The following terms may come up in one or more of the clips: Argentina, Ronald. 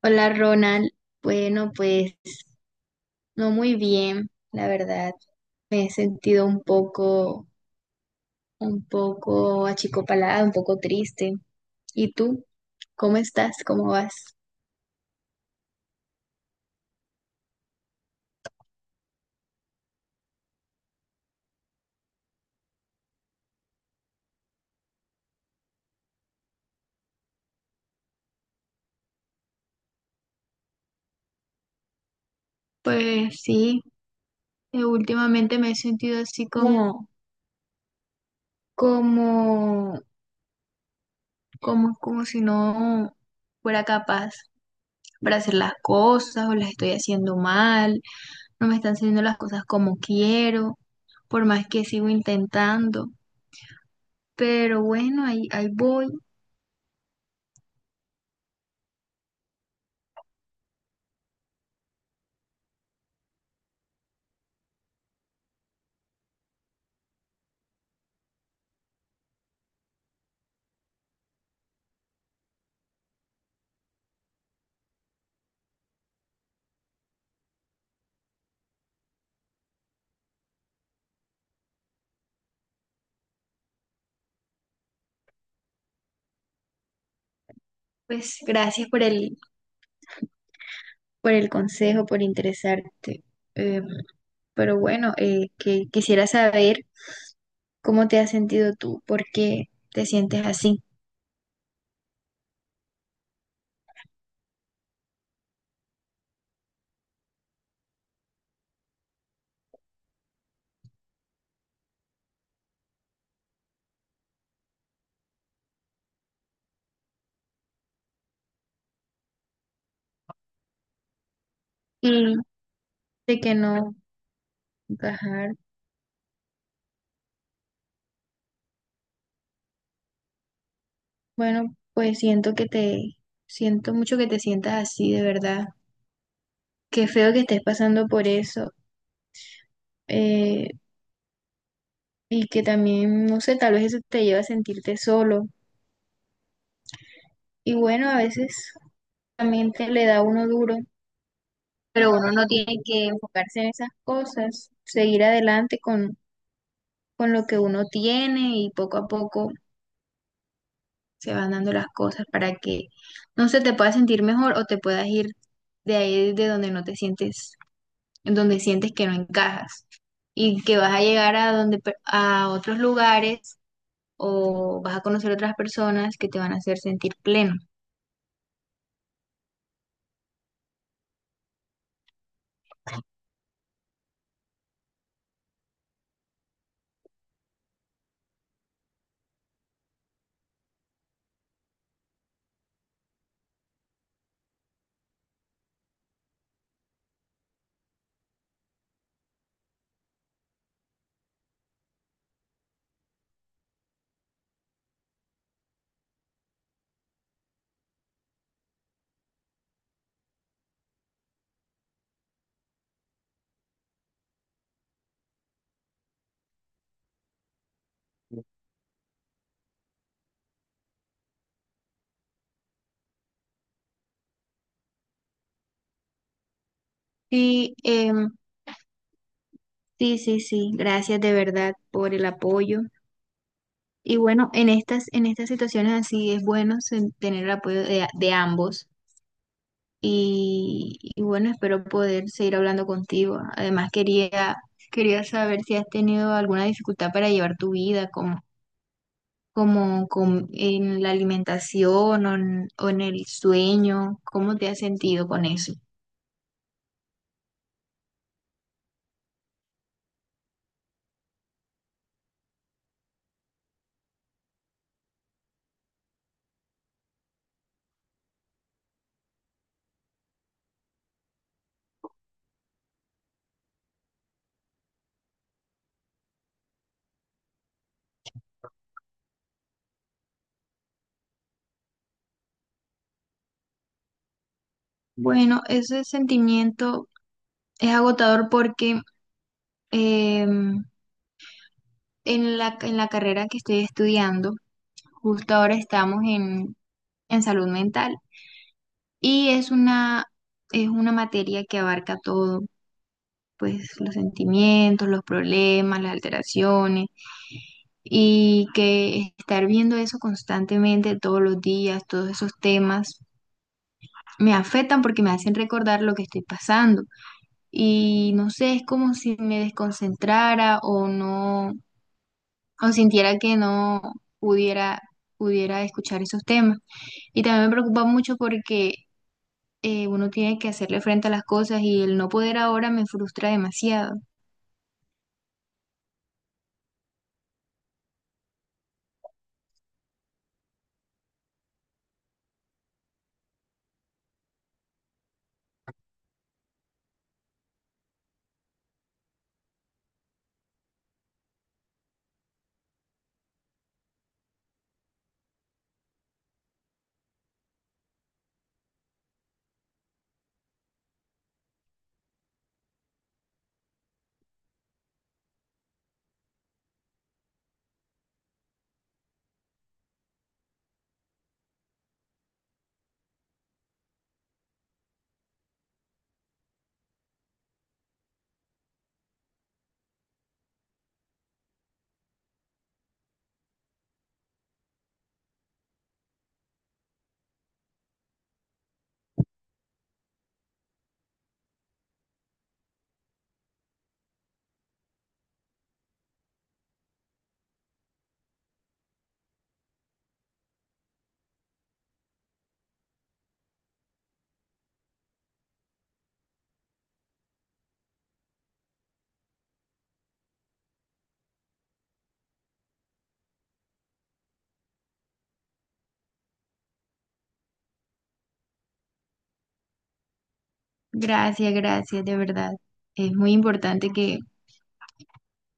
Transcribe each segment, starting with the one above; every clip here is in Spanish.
Hola Ronald, bueno pues no muy bien, la verdad. Me he sentido un poco achicopalada, un poco triste. ¿Y tú? ¿Cómo estás? ¿Cómo vas? Pues sí, últimamente me he sentido así como, como, como si no fuera capaz para hacer las cosas o las estoy haciendo mal, no me están saliendo las cosas como quiero, por más que sigo intentando. Pero bueno, ahí voy. Pues gracias por el consejo, por interesarte. Eh, pero bueno, quisiera saber cómo te has sentido tú, por qué te sientes así. Y de que no encajar. Bueno, pues siento mucho que te sientas así, de verdad. Qué feo que estés pasando por eso. eh, y que también, no sé, tal vez eso te lleva a sentirte solo. Y bueno, a veces también te le da a uno duro, pero uno no tiene que enfocarse en esas cosas, seguir adelante con lo que uno tiene y poco a poco se van dando las cosas para que no se te pueda sentir mejor o te puedas ir de ahí de donde no te sientes, en donde sientes que no encajas y que vas a llegar a donde a otros lugares o vas a conocer otras personas que te van a hacer sentir pleno. Sí, sí, sí, sí, gracias de verdad por el apoyo. Y bueno, en estas situaciones así es bueno tener el apoyo de ambos. Y bueno, espero poder seguir hablando contigo. Además, quería, quería saber si has tenido alguna dificultad para llevar tu vida, como, como, en la alimentación o en el sueño. ¿Cómo te has sentido con eso? Bueno, ese sentimiento es agotador porque em, en la carrera que estoy estudiando, justo ahora estamos en salud mental y es una materia que abarca todo, pues los sentimientos, los problemas, las alteraciones, y que estar viendo eso constantemente todos los días, todos esos temas, me afectan porque me hacen recordar lo que estoy pasando y no sé, es como si me desconcentrara o no, o sintiera que no pudiera, pudiera escuchar esos temas. Y también me preocupa mucho porque uno tiene que hacerle frente a las cosas y el no poder ahora me frustra demasiado. Gracias, gracias, de verdad. Es muy importante que,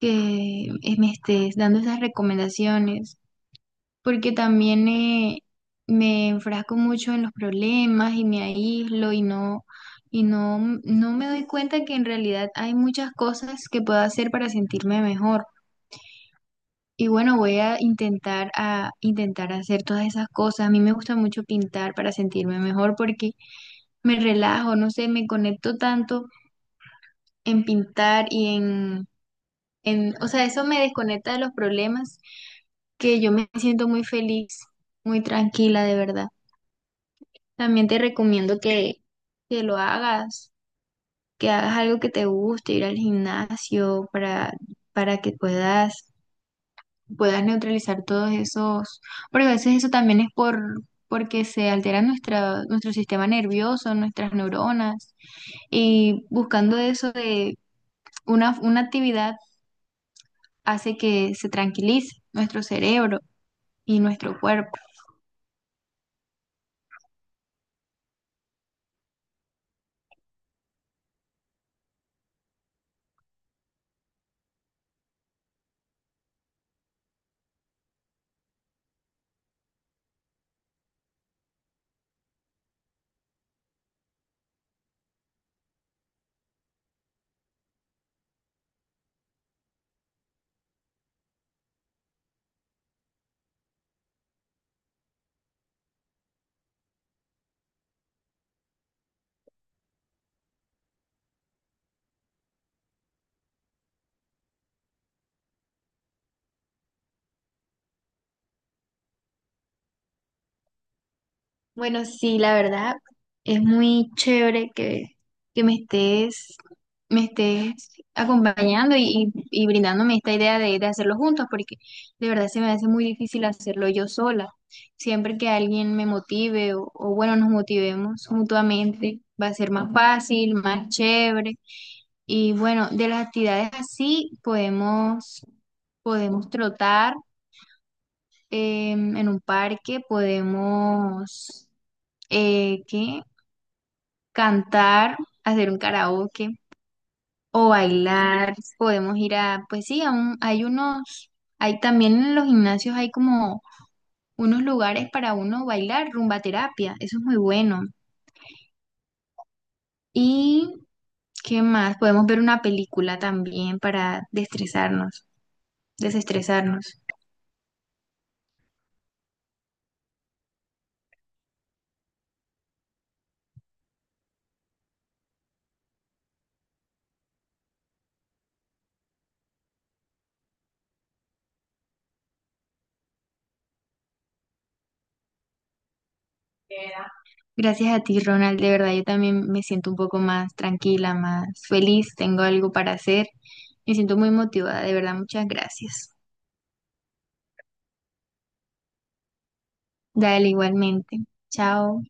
que me estés dando esas recomendaciones, porque también me enfrasco mucho en los problemas y me aíslo y no, no me doy cuenta que en realidad hay muchas cosas que puedo hacer para sentirme mejor. Y bueno, voy a intentar hacer todas esas cosas. A mí me gusta mucho pintar para sentirme mejor porque me relajo, no sé, me conecto tanto en pintar y en, o sea, eso me desconecta de los problemas que yo me siento muy feliz, muy tranquila, de verdad. También te recomiendo que lo hagas, que hagas algo que te guste, ir al gimnasio para que puedas, puedas neutralizar todos esos, porque a veces eso también es por, porque se altera nuestra, nuestro sistema nervioso, nuestras neuronas. Y buscando eso de una actividad hace que se tranquilice nuestro cerebro y nuestro cuerpo. Bueno, sí, la verdad es muy chévere que me estés acompañando y, y brindándome esta idea de hacerlo juntos, porque de verdad se me hace muy difícil hacerlo yo sola. Siempre que alguien me motive o bueno, nos motivemos mutuamente, va a ser más fácil, más chévere. Y bueno, de las actividades así podemos... Podemos trotar, en un parque, podemos ¿qué? Cantar, hacer un karaoke o bailar. Podemos ir a, pues sí, a hay unos, hay también en los gimnasios hay como unos lugares para uno bailar, rumba terapia, eso es muy bueno. ¿Y qué más? Podemos ver una película también para destresarnos, desestresarnos. Gracias a ti, Ronald. De verdad, yo también me siento un poco más tranquila, más feliz. Tengo algo para hacer. Me siento muy motivada. De verdad, muchas gracias. Dale, igualmente. Chao.